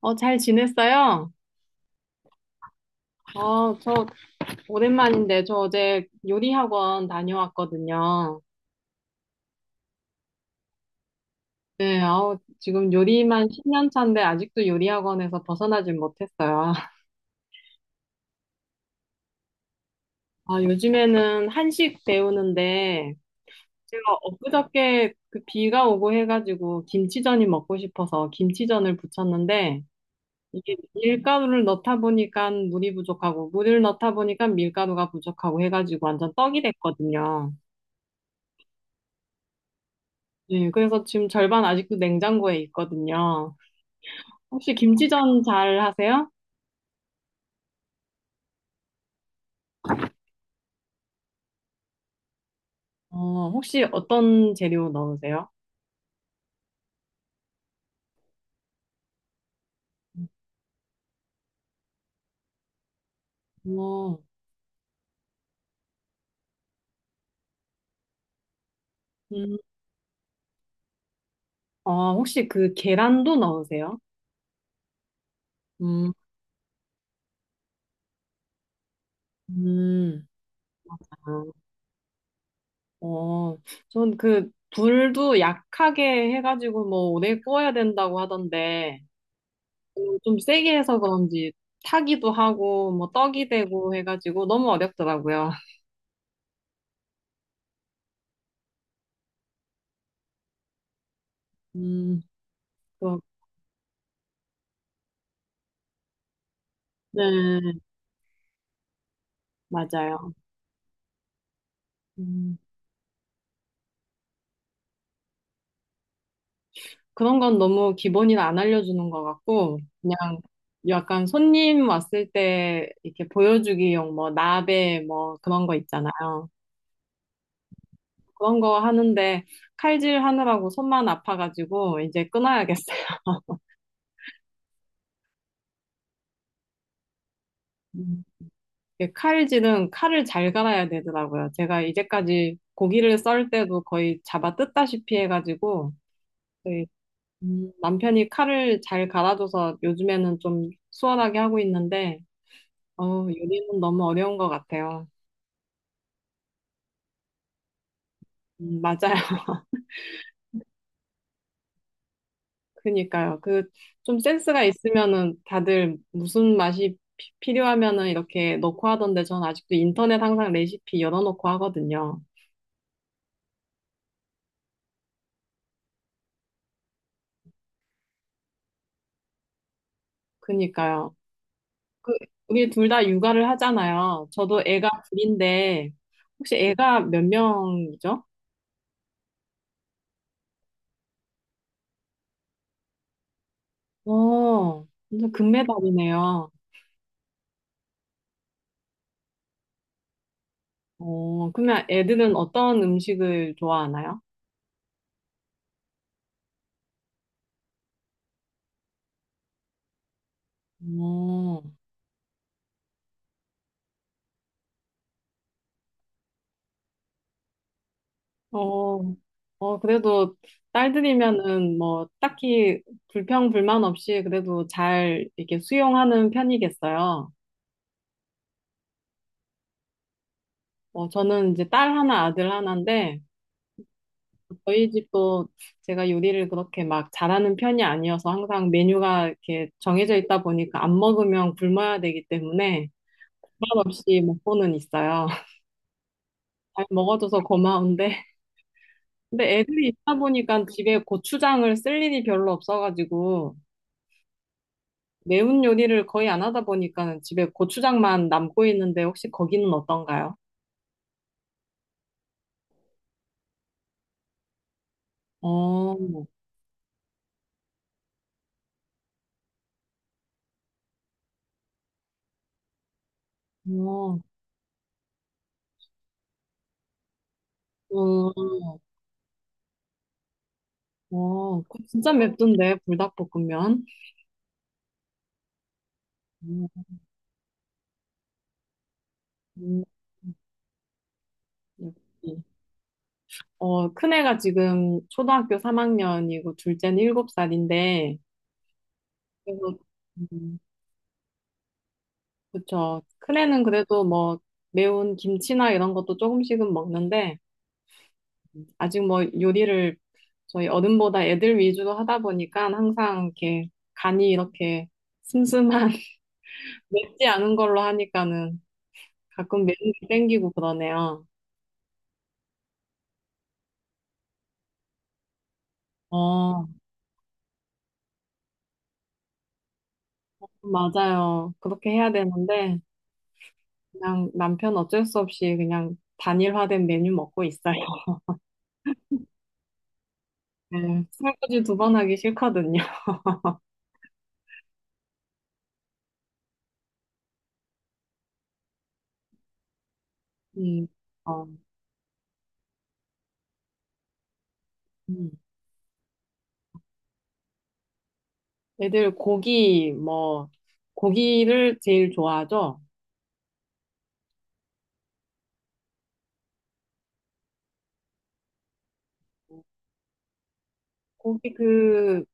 잘 지냈어요? 어, 저 오랜만인데 저 어제 요리 학원 다녀왔거든요. 네, 아우, 지금 요리만 10년 차인데 아직도 요리 학원에서 벗어나질 못했어요. 아, 요즘에는 한식 배우는데 제가 엊그저께 그 비가 오고 해가지고 김치전이 먹고 싶어서 김치전을 부쳤는데 이게 밀가루를 넣다 보니까 물이 부족하고 물을 넣다 보니까 밀가루가 부족하고 해가지고 완전 떡이 됐거든요. 네, 그래서 지금 절반 아직도 냉장고에 있거든요. 혹시 김치전 잘 하세요? 혹시 어떤 재료 넣으세요? 어, 음, 혹시 그 계란도 넣으세요? 음, 음, 아, 어, 전 그 불도 약하게 해가지고 뭐 오래 구워야 된다고 하던데 좀 세게 해서 그런지 타기도 하고 뭐 떡이 되고 해가지고 너무 어렵더라고요. 음, 그거- 네, 맞아요. 음. 그런 건 너무 기본이라 안 알려주는 것 같고, 그냥 약간 손님 왔을 때 이렇게 보여주기용 뭐 나베 뭐 그런 거 있잖아요. 그런 거 하는데 칼질 하느라고 손만 아파가지고 이제 끊어야겠어요. 음. 이게 칼질은 칼을 잘 갈아야 되더라고요. 제가 이제까지 고기를 썰 때도 거의 잡아 뜯다시피 해가지고 저희 남편이 칼을 잘 갈아줘서 요즘에는 좀 수월하게 하고 있는데 요리는 너무 어려운 것 같아요. 맞아요. 그니까요. 좀 센스가 있으면은 다들 무슨 맛이 필요하면은 이렇게 넣고 하던데 전 아직도 인터넷 항상 레시피 열어놓고 하거든요. 그니까요. 그 우리 둘 다 육아를 하잖아요. 저도 애가 둘인데 혹시 애가 몇 명이죠? 어, 완전 금메달이네요. 그러면 애들은 어떤 음식을 좋아하나요? 어. 어, 그래도 딸들이면은 뭐 딱히 불평, 불만 없이 그래도 잘 이렇게 수용하는 편이겠어요. 저는 이제 딸 하나, 아들 하나인데 저희 집도 제가 요리를 그렇게 막 잘하는 편이 아니어서 항상 메뉴가 이렇게 정해져 있다 보니까 안 먹으면 굶어야 되기 때문에 불만 없이 먹고는 있어요. 잘 먹어줘서 고마운데. 근데 애들이 있다 보니까 집에 고추장을 쓸 일이 별로 없어가지고 매운 요리를 거의 안 하다 보니까 집에 고추장만 남고 있는데 혹시 거기는 어떤가요? 어, 어, 어, 그거 진짜 맵던데, 불닭볶음면. 음, 음, 역시. 큰애가 지금 초등학교 3학년이고 둘째는 7살인데, 그래서, 음, 그쵸. 큰애는 그래도 뭐 매운 김치나 이런 것도 조금씩은 먹는데, 아직 뭐 요리를 저희 어른보다 애들 위주로 하다 보니까 항상 이렇게 간이 이렇게 슴슴한 맵지 않은 걸로 하니까는 가끔 매운 게 땡기고 그러네요. 어, 맞아요. 그렇게 해야 되는데 그냥 남편 어쩔 수 없이 그냥 단일화된 메뉴 먹고 있어요. 네, 설거지 두 번 하기 싫거든요. 음, 어, 음. 애들 고기 뭐 고기를 제일 좋아하죠. 고기 그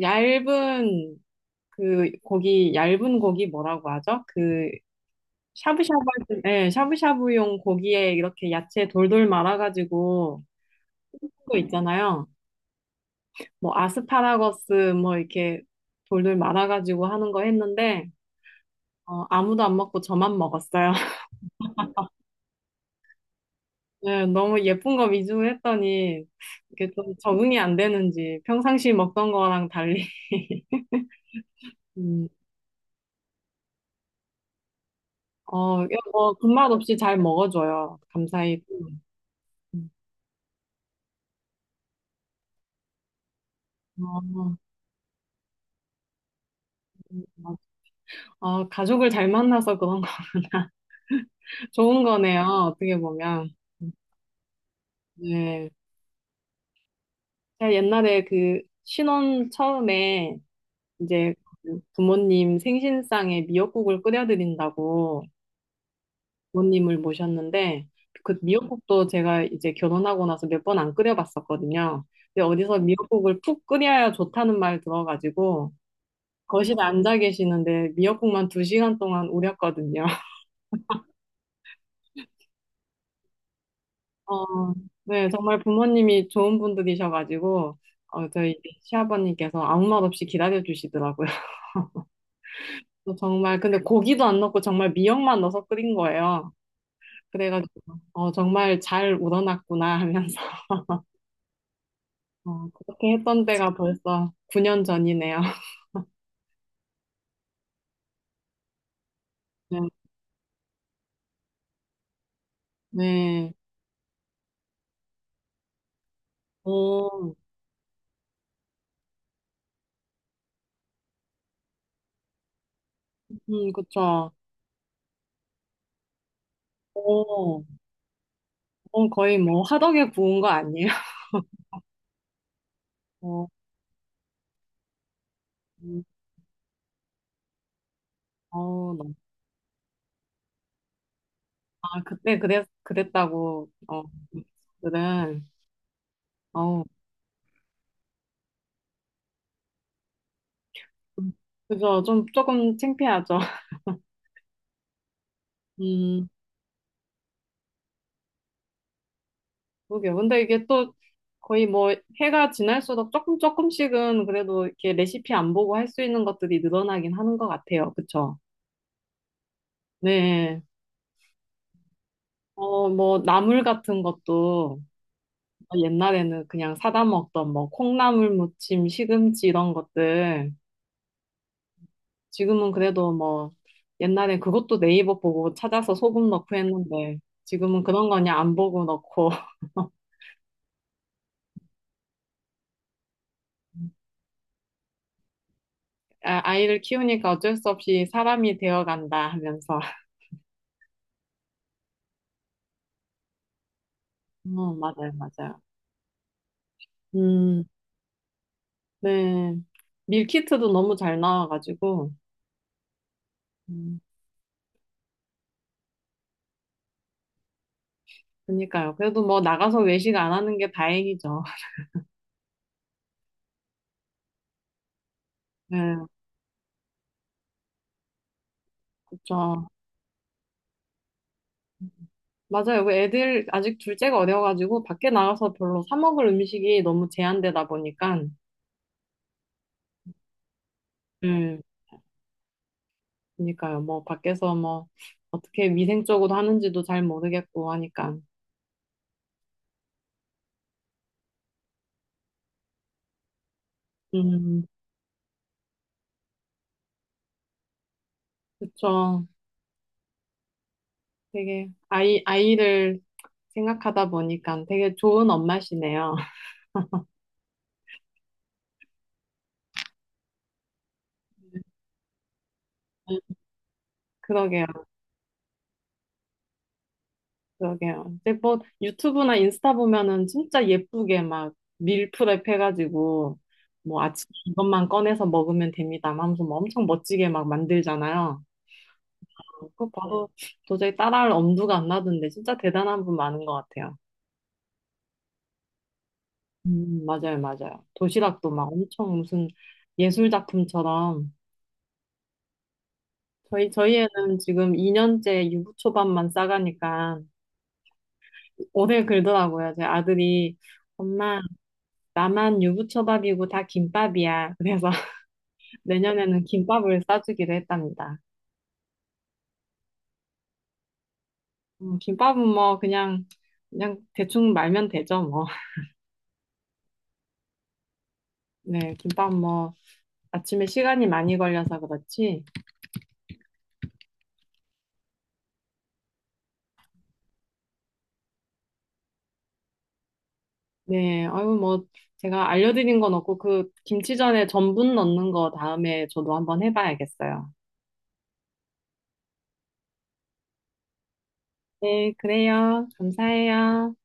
얇은 그 고기 얇은 고기 뭐라고 하죠? 그 샤브샤브 할 때, 예, 샤브샤브용 고기에 이렇게 야채 돌돌 말아가지고 하는 거 있잖아요. 뭐 아스파라거스 뭐 이렇게 돌돌 말아가지고 하는 거 했는데 아무도 안 먹고 저만 먹었어요. 예, 너무 예쁜 거 위주로 했더니 이게 좀 적응이 안 되는지 평상시 먹던 거랑 달리 음, 이거 뭐 군맛 없이 잘 먹어줘요. 감사히. 음. 음. 어, 음, 음. 가족을 잘 만나서 그런 거, 좋은 거네요, 어떻게 보면. 네. 제가 옛날에 그 신혼 처음에 이제 그 부모님 생신상에 미역국을 끓여드린다고 부모님을 모셨는데 그 미역국도 제가 이제 결혼하고 나서 몇 번 안 끓여봤었거든요. 근데 어디서 미역국을 푹 끓여야 좋다는 말 들어가지고 거실에 앉아 계시는데 미역국만 두 시간 동안 우렸거든요. 어, 네, 정말 부모님이 좋은 분들이셔가지고, 저희 시아버님께서 아무 말 없이 기다려주시더라고요. 또 정말, 근데 고기도 안 넣고 정말 미역만 넣어서 끓인 거예요. 그래가지고, 정말 잘 우러났구나 하면서, 그렇게 했던 때가 벌써 9년 전이네요. 네, 네. 오, 그쵸. 오, 거의 뭐 화덕에 구운 거 아니에요? 어, 음, 어, 너무- 아, 그때 그랬다고. 음, 들은. 어, 그래서 좀 조금 창피하죠. 음, 그러게요. 근데 이게 또 거의 뭐 해가 지날수록 조금 조금씩은 그래도 이렇게 레시피 안 보고 할 수 있는 것들이 늘어나긴 하는 것 같아요. 그쵸? 네. 뭐 나물 같은 것도 옛날에는 그냥 사다 먹던 뭐 콩나물 무침, 시금치 이런 것들 지금은 그래도 뭐 옛날엔 그것도 네이버 보고 찾아서 소금 넣고 했는데 지금은 그런 거냐 안 보고 넣고 아, 아이를 키우니까 어쩔 수 없이 사람이 되어간다 하면서. 어, 맞아요, 맞아요. 음, 네. 밀키트도 너무 잘 나와가지고. 음, 그니까요. 그래도 뭐 나가서 외식 안 하는 게 다행이죠. 네, 그쵸. 맞아요. 그 애들 아직 둘째가 어려가지고 밖에 나가서 별로 사 먹을 음식이 너무 제한되다 보니까. 네, 그니까요. 뭐 밖에서 뭐 어떻게 위생적으로 하는지도 잘 모르겠고 하니까. 음, 그쵸. 되게 아이를 생각하다 보니까 되게 좋은 엄마시네요. 그러게요, 그러게요. 근데 뭐 유튜브나 인스타 보면은 진짜 예쁘게 막 밀프렙 해가지고 뭐 아침에 이것만 꺼내서 먹으면 됩니다. 하면서 뭐 엄청 멋지게 막 만들잖아요. 그거 봐도 도저히 따라할 엄두가 안 나던데 진짜 대단한 분 많은 것 같아요. 맞아요, 맞아요. 도시락도 막 엄청 무슨 예술 작품처럼 저희 애는 지금 2년째 유부초밥만 싸가니까 오늘 그러더라고요. 제 아들이 엄마 나만 유부초밥이고 다 김밥이야. 그래서 내년에는 김밥을 싸주기로 했답니다. 김밥은 뭐 그냥 대충 말면 되죠 뭐. 네, 김밥 뭐 아침에 시간이 많이 걸려서 그렇지. 네, 아유 뭐 제가 알려드린 건 없고 그 김치전에 전분 넣는 거 다음에 저도 한번 해봐야겠어요. 네, 그래요. 감사해요.